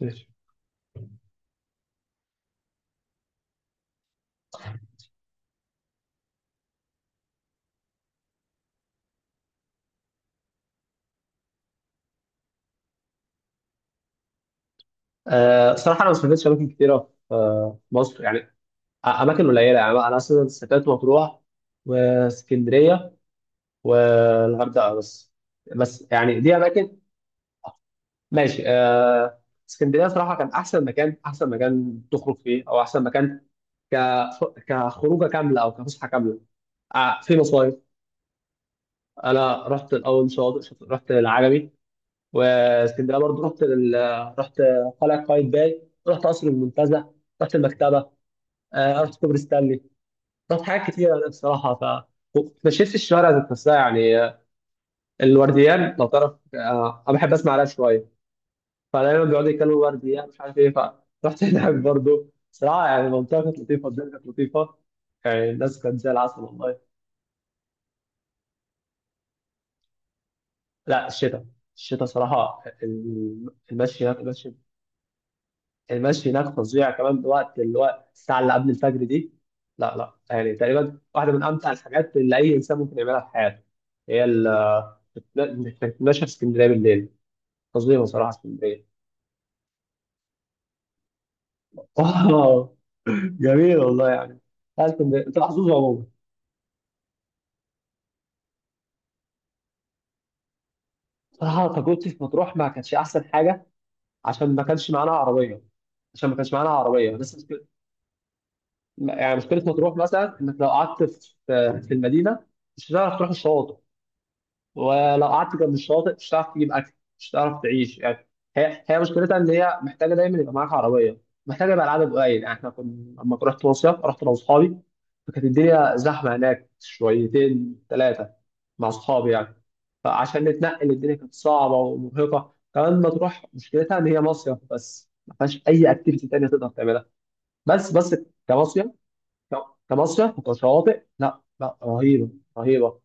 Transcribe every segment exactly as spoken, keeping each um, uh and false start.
ماشي. آه صراحة أنا ما سافرتش أماكن كتيرة في آه، مصر، يعني أ- أماكن قليلة. يعني أنا أصلا سافرت مطروح واسكندرية والغردقة بس. بس يعني دي أماكن. ماشي. آه اسكندرية صراحة كان أحسن مكان، أحسن مكان تخرج فيه، أو أحسن مكان ك كخروجة كاملة أو كفسحة كاملة. آه في مصايف. أنا رحت الأول، شاطئ شاطئ- رحت العجمي. واسكندرية برضه رحت لل... رحت قلعة قايتباي. رحت قصر المنتزه. رحت المكتبة. آه، ارض كوبري ستانلي. طب حاجات كتيره بصراحه، ف مشيت الشوارع ذات نفسها. يعني آه، الورديان لو تعرف، آه، انا بحب اسمع راب شويه، فدايما بيقعدوا يتكلموا ورديان مش عارف ايه. فرحت هناك برضه صراحه. يعني المنطقه كانت لطيفه، الدنيا كانت لطيفه. يعني الناس كانت زي العسل والله. لا، الشتاء. الشتاء صراحه الم- المشي هناك- المشي. المشي هناك فظيع، كمان بوقت اللي هو الساعه اللي قبل الفجر دي. لا، لا، يعني تقريبا واحده من امتع الحاجات اللي اي انسان ممكن يعملها في حياته، هي ال- انك تتمشى في اسكندريه بالليل. فظيعه صراحه اسكندريه. اه، جميل والله يعني. لا، اسكندريه انت محظوظ عموما. صراحه تجربتي في مطروح ما كانتش احسن حاجه. عشان ما كانش معانا عربيه. عشان ما كانش معانا عربيه، بس مشكلة- يعني مشكله مطروح مثلا انك لو قعدت في في المدينه مش هتعرف تروح الشواطئ، ولو قعدت جنب الشاطئ مش هتعرف تجيب اكل. مش هتعرف تعيش يعني. هي هي مشكلتها ان هي محتاجه دايما يبقى معاك عربيه، محتاجه يبقى العدد قليل. يعني احنا كنا لما رحت مصيف رحت انا واصحابي، فكانت الدنيا زحمه هناك شويتين ثلاثه مع اصحابي يعني. فعشان نتنقل الدنيا كانت صعبه ومرهقه، كمان ما تروح مشكلتها ان هي مصيف بس ما فيهاش اي اكتيفيتي تانيه تقدر تعملها. بس بس. كمصيف كمصيف وكشواطئ، لا، لا، رهيبه. رهيبه.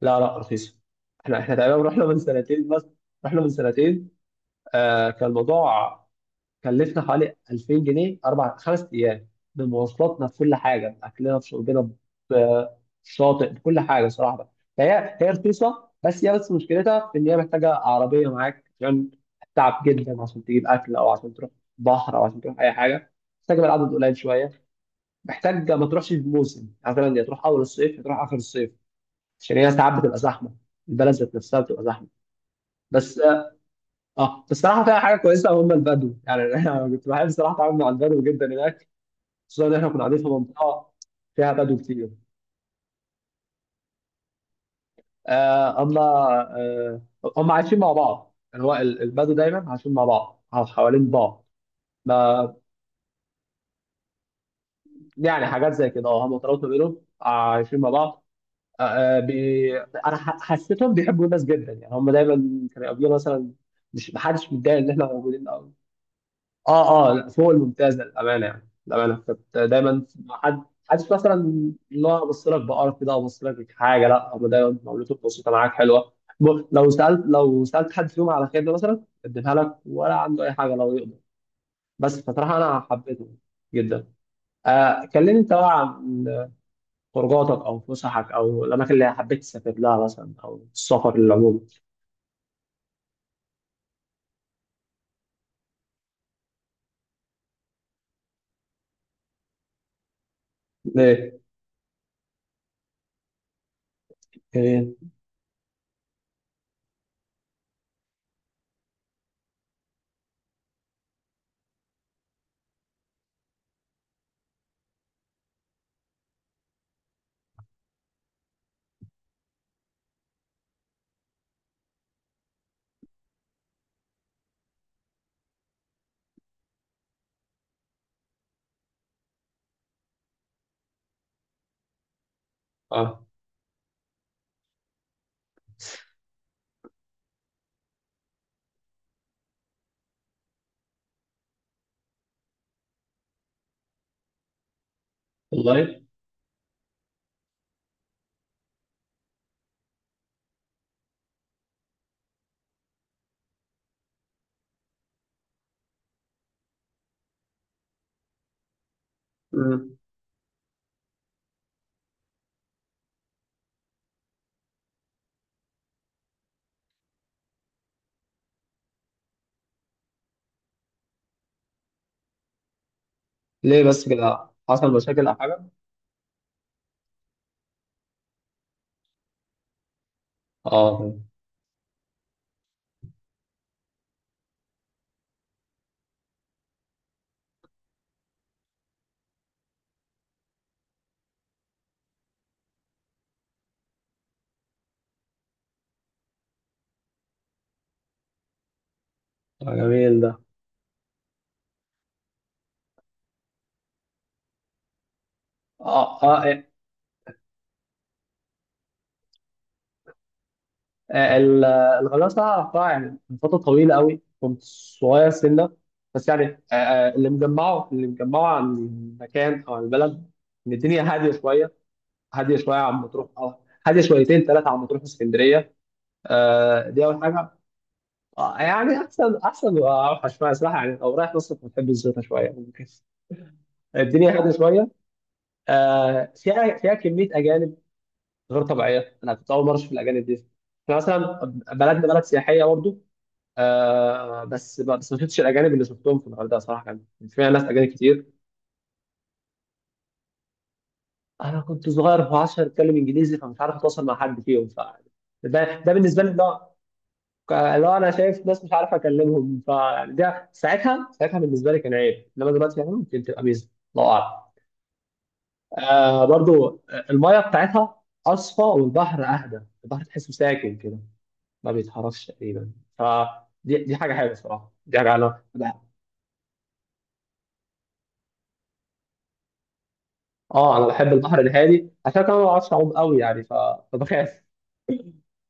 لا، لا، رخيصة. احنا احنا تقريبا رحنا من سنتين بس. رحنا من سنتين. آه كان الموضوع كلفنا حوالي ألفين جنيه اربع خمس ايام، بمواصلاتنا، بكل حاجة، بأكلنا بشربنا، بالشاطئ بكل حاجة صراحة. فهي هي رخيصة، بس هي بس مشكلتها في ان هي محتاجة عربية معاك، عشان تعب جدا عشان تجيب اكل، او عشان تروح بحر، او عشان تروح اي حاجة. محتاجة العدد قليل شوية. محتاج ما تروحش في موسم، مثلا يا تروح اول الصيف يا تروح اخر الصيف، عشان هي ساعات بتبقى زحمه. البلد ذات نفسها بتبقى زحمه. بس. اه، بصراحه فيها حاجه كويسه، هم البدو يعني. انا كنت بحب بصراحه اتعامل مع البدو جدا هناك، خصوصا ان احنا كنا قاعدين في منطقه فيها بدو كتير. آه اما، آه هم عايشين مع بعض. يعني هو ال- البدو دايما عايشين مع بعض، أو حوالين بعض. ما يعني حاجات زي كده، اه، هم ترابطوا بينهم، عايشين مع بعض. آه آه، بي... انا ح- حسيتهم بيحبوا الناس جدا. يعني هم دايما كانوا يقابلونا مثلا، مش محدش متضايق ان احنا موجودين. اه، اه، لا، فوق الممتاز للامانه. يعني للامانه كنت دايما مع حد، حدش مثلا اللي هو ابص لك بقرف كده، ابص لك حاجه. لا، هم دايما معاملته بسيطه معاك حلوه. ب- لو سالت لو سالت حد فيهم على خدمه مثلا يقدمها لك، ولا عنده اي حاجه لو يقدر. بس فصراحه انا حبيته جدا. آه كلمني انت بقى عن خروجاتك، او فسحك، او الاماكن اللي حبيت تسافر لها مثلا، او السفر للعموم. ليه؟ ايه. اه والله. مم. ليه بس كده، حصل مشاكل او حاجه؟ اه. آه، جميل ده. اه، اه، آه، آه، ال- الغلاسه قطاع يعني من فتره طويله قوي، كنت صغير سنه. بس يعني، آه، آه، اللي مجمعه اللي مجمعه عن المكان او عن البلد ان الدنيا هاديه شويه. هاديه شويه عن مطروح، اه. هاديه شويتين ثلاثه عن مطروح واسكندريه. آه دي اول حاجه. آه يعني احسن، احسن واوحش ما، صراحه يعني لو رايح مصر بتحب الزيطه شويه، ممكن الدنيا هاديه شويه. آه فيها فيها كميه اجانب غير طبيعيه. انا كنت اول مره اشوف الاجانب دي. احنا مثلا بلدنا بلد سياحيه برضو، آه بس بس ما شفتش الاجانب اللي شفتهم في الغردقه صراحه. كان كان فيها ناس اجانب كتير. انا كنت صغير في عشرة، اتكلم انجليزي فمش عارف اتواصل مع حد فيهم، ف ده ده بالنسبه لي. لا، لو انا شايف ناس مش عارف اكلمهم فيعني ده، ساعتها ساعتها بالنسبه لي كان عيب، انما دلوقتي يعني ممكن تبقى ميزه. الله اعلم. آه برضو الميه بتاعتها اصفى، والبحر اهدى، البحر تحسه ساكن كده، ما بيتحركش تقريبا. فدي دي حاجه حلوه صراحه، دي حاجه انا بح- اه، انا بحب البحر الهادي عشان كده. ما بعرفش اعوم قوي، يعني ف- فبخاف.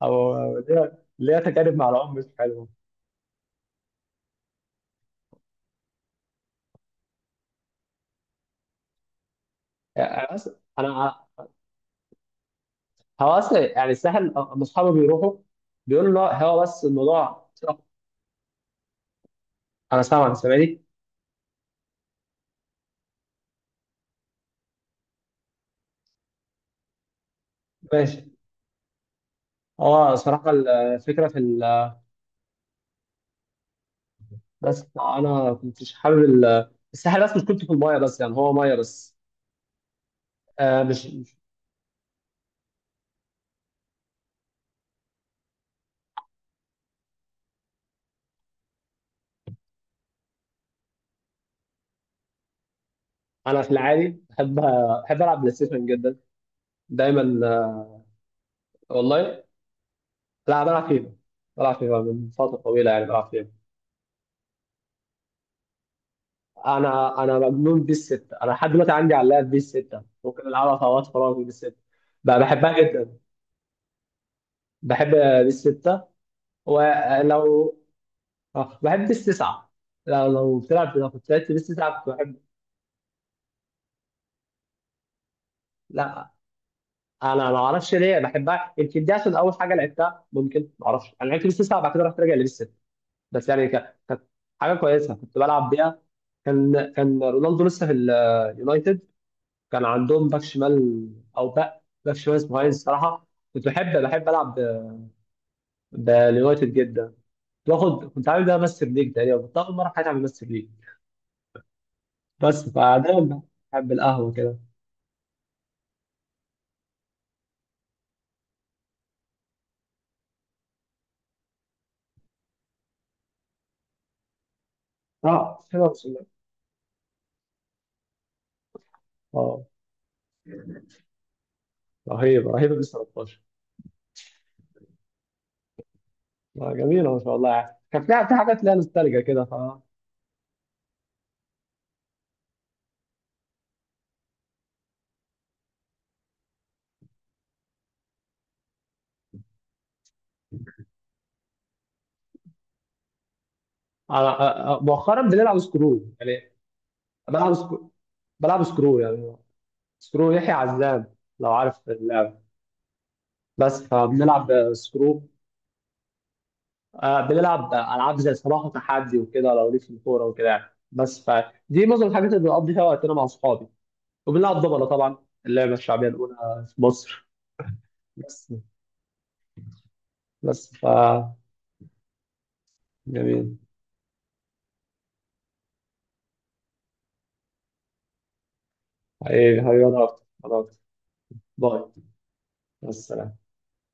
او ليا ليا تجارب مع العوم مش حلوه. يعني انا أص- أنا- هو اصلا يعني الساحل، أ- أما اصحابي بيروحوا بيقولوا، لا، هو بس الموضوع، انا سامع سامعني. ماشي. هو صراحه الفكره في ال... بس انا كنتش حابب ال- الساحل، بس مش كنت في المايه، بس يعني هو مايه بس. آه مش انا في العادي بحب، بحب العب بلاي ستيشن جدا، دايما. آه، والله، لا بلعب فيفا. بلعب فيفا من فتره طويله، يعني بلعب فيفا. انا انا مجنون بيس ستة. انا لحد دلوقتي عندي على اللاب بيس ستة، ممكن العبها في اوقات فراغي. بيس ستة بقى بحبها جدا. بحب بيس ستة ولو. آه، بحب بيس تسعة. لو لو بتلعب، لو كنت لعبت بيس تسعة كنت بحب. لا، انا ما اعرفش ليه بحبها، يمكن دي عشان اول حاجه لعبتها، ممكن ما اعرفش. انا لعبت بيس تسعة بعد كده رحت راجع لبيس، بس يعني ك- كانت حاجه كويسه كنت بلعب بيها. كان كان رونالدو لسه في اليونايتد. كان عندهم باك شمال، او باك باك شمال اسمه هاينز الصراحه. كنت بحب، بحب العب ب- باليونايتد جدا. كنت باخد كنت عامل ده ماستر ليج تقريبا، كنت اول مره في حياتي اعمل ماستر ليج. بس فدايما بحب القهوه كده. اه، حلوة بسم الله. اه، رهيب، رهيب بس ثلاثة عشر. آه، جميله ما شاء الله. يعني كان في في حاجات ليها نوستالجيا كده، ف أنا- أ- أ- مؤخرا بنلعب سكرول يعني. بلعب سكرول. بلعب سكرول يعني. سكرو يحيى عزام لو عارف اللعبة. بس فبنلعب سكرو. آه بنلعب ألعاب زي صباح وتحدي وكده، لو ليك في الكورة وكده يعني. بس فدي معظم الحاجات اللي بنقضي فيها وقتنا مع أصحابي. وبنلعب دوبلة طبعا، اللعبة الشعبية الأولى في مصر. بس. بس ف جميل. حبيبي، حبيبي، أنا أكتر، أنا أكتر. باي. مع السلامة.